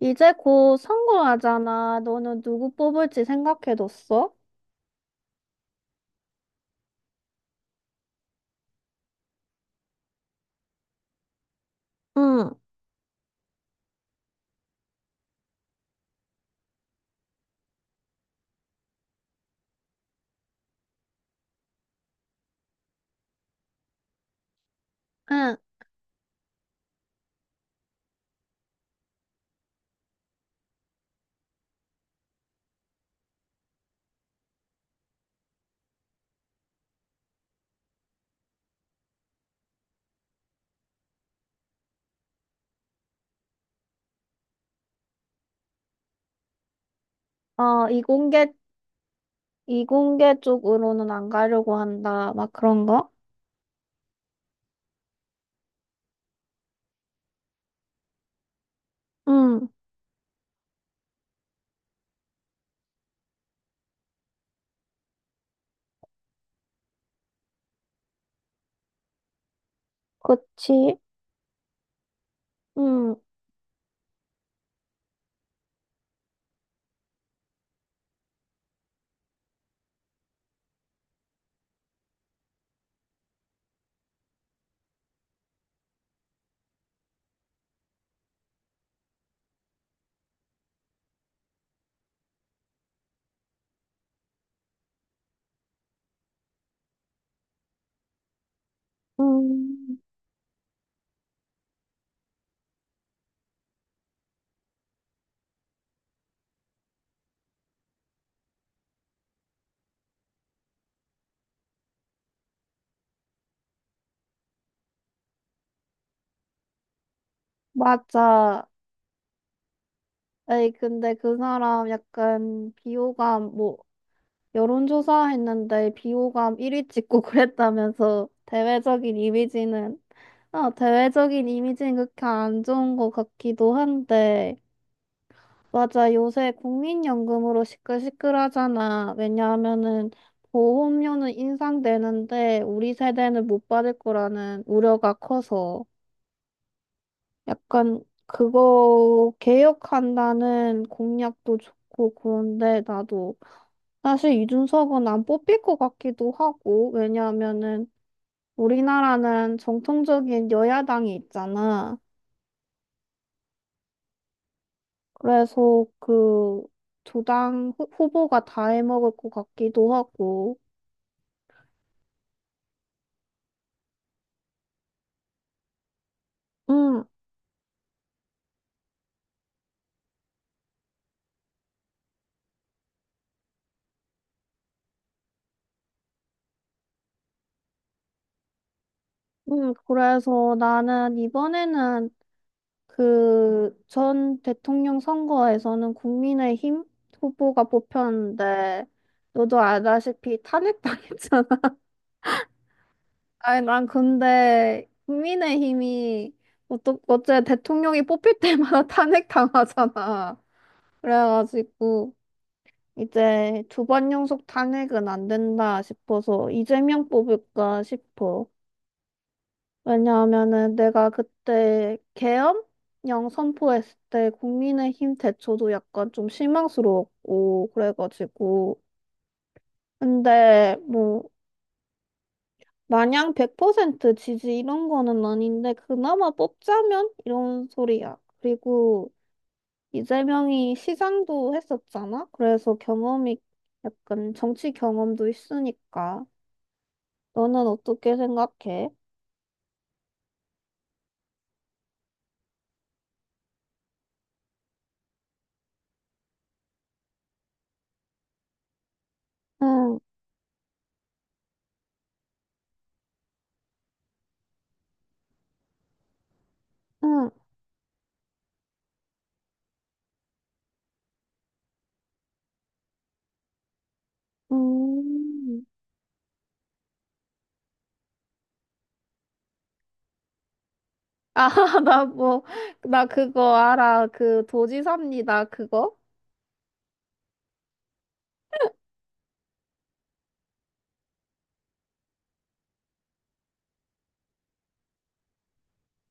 이제 곧 선거하잖아. 너는 누구 뽑을지 생각해뒀어? 응, 응. 어, 이공계 쪽으로는 안 가려고 한다. 막 그런 거? 응, 그치. 응, 응, 맞아. 에이, 근데 그 사람 약간 비호감, 뭐, 여론조사 했는데 비호감 1위 찍고 그랬다면서, 대외적인 이미지는. 어, 대외적인 이미지는 그렇게 안 좋은 것 같기도 한데. 맞아. 요새 국민연금으로 시끌시끌하잖아. 왜냐하면은 보험료는 인상되는데 우리 세대는 못 받을 거라는 우려가 커서. 약간 그거 개혁한다는 공약도 좋고. 그런데 나도 사실 이준석은 안 뽑힐 것 같기도 하고. 왜냐하면은 우리나라는 정통적인 여야당이 있잖아. 그래서 그 두 당 후보가 다 해먹을 것 같기도 하고. 음, 그래서 나는 이번에는, 그, 전 대통령 선거에서는 국민의힘 후보가 뽑혔는데, 너도 알다시피 탄핵당했잖아. 아니, 난 근데 국민의힘이 어째 대통령이 뽑힐 때마다 탄핵당하잖아. 그래가지고 이제 두 번 연속 탄핵은 안 된다 싶어서 이재명 뽑을까 싶어. 왜냐하면은 내가 그때 계엄령 선포했을 때 국민의힘 대처도 약간 좀 실망스러웠고 그래가지고. 근데 뭐 마냥 100% 지지 이런 거는 아닌데 그나마 뽑자면 이런 소리야. 그리고 이재명이 시장도 했었잖아. 그래서 경험이, 약간 정치 경험도 있으니까. 너는 어떻게 생각해? 응, 응, 음. 아, 나 뭐, 나 그거 알아. 그 도지사입니다. 그거?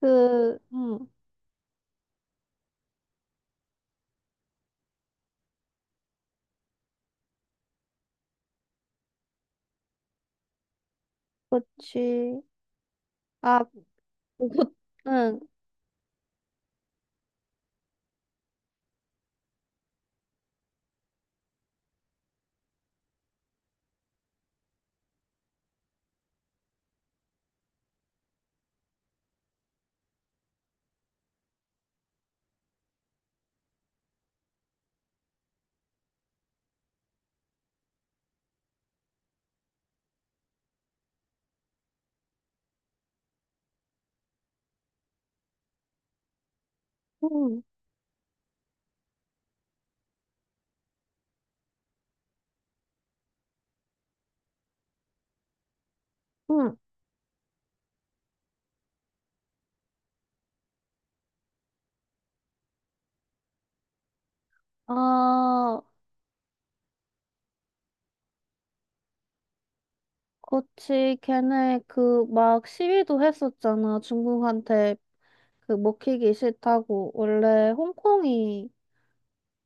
그, 응, 그치. 아, 그, 응, 응, 응. 아, 그치. 걔네 그 막 시위도 했었잖아. 중국한테 그 먹히기 싫다고. 원래 홍콩이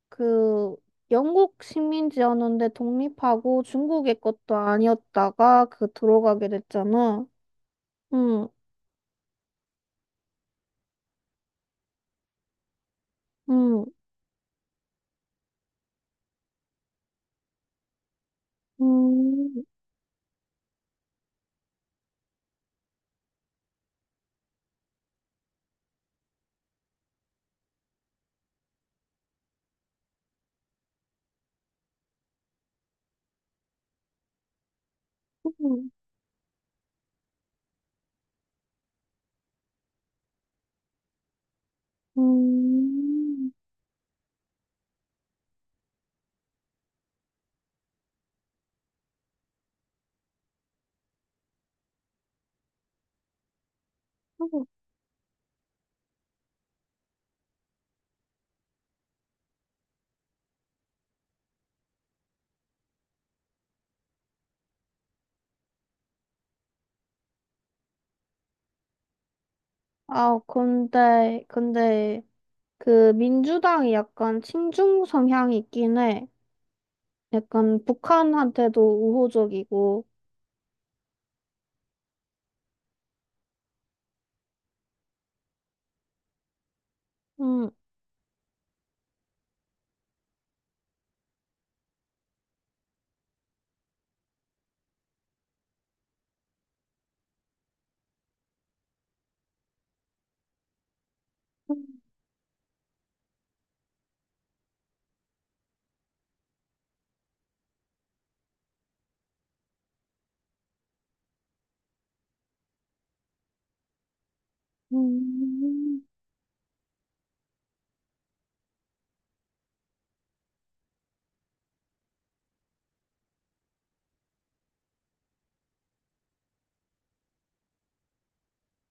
그 영국 식민지였는데 독립하고 중국의 것도 아니었다가 그 들어가게 됐잖아. 응, 응, 응. 응. 음, 아, 그, 민주당이 약간 친중 성향이 있긴 해. 약간 북한한테도 우호적이고. 음, 음,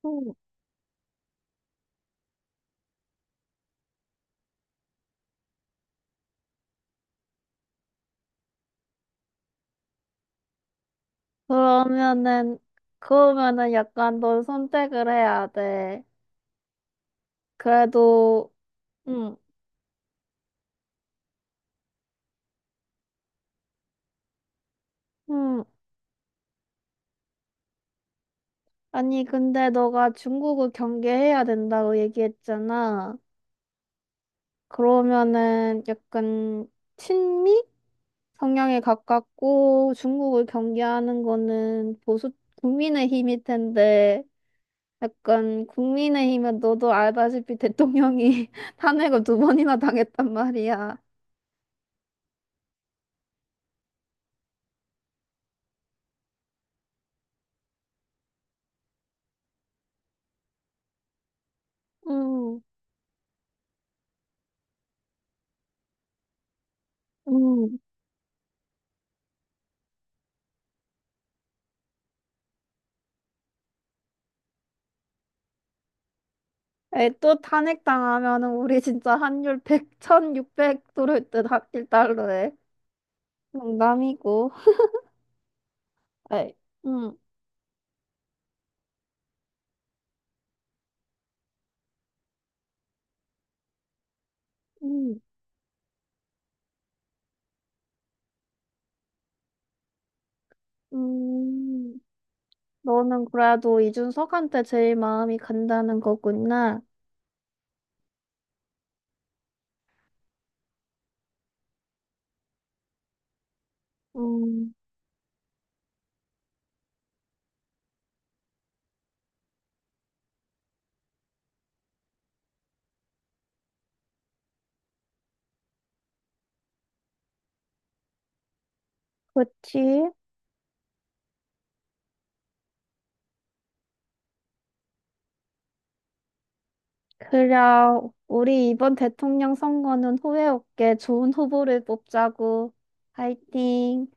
음. 그러면은, 그러면은 약간 넌 선택을 해야 돼. 그래도, 음, 음, 아니, 근데 너가 중국을 경계해야 된다고 얘기했잖아. 그러면은 약간 친미? 성향에 가깝고 중국을 경계하는 거는 보수, 국민의힘일 텐데, 약간 국민의힘은 너도 알다시피 대통령이 탄핵을 두 번이나 당했단 말이야. 음, 음. 에, 또 탄핵 당하면은 우리 진짜 환율 1천 육백 6 0 0 들어올 듯1달러에 농담이고. 에이, 음, 음, 음, 너는 그래도 이준석한테 제일 마음이 간다는 거구나. 음. 그치? 그래, 우리 이번 대통령 선거는 후회 없게 좋은 후보를 뽑자고. 화이팅!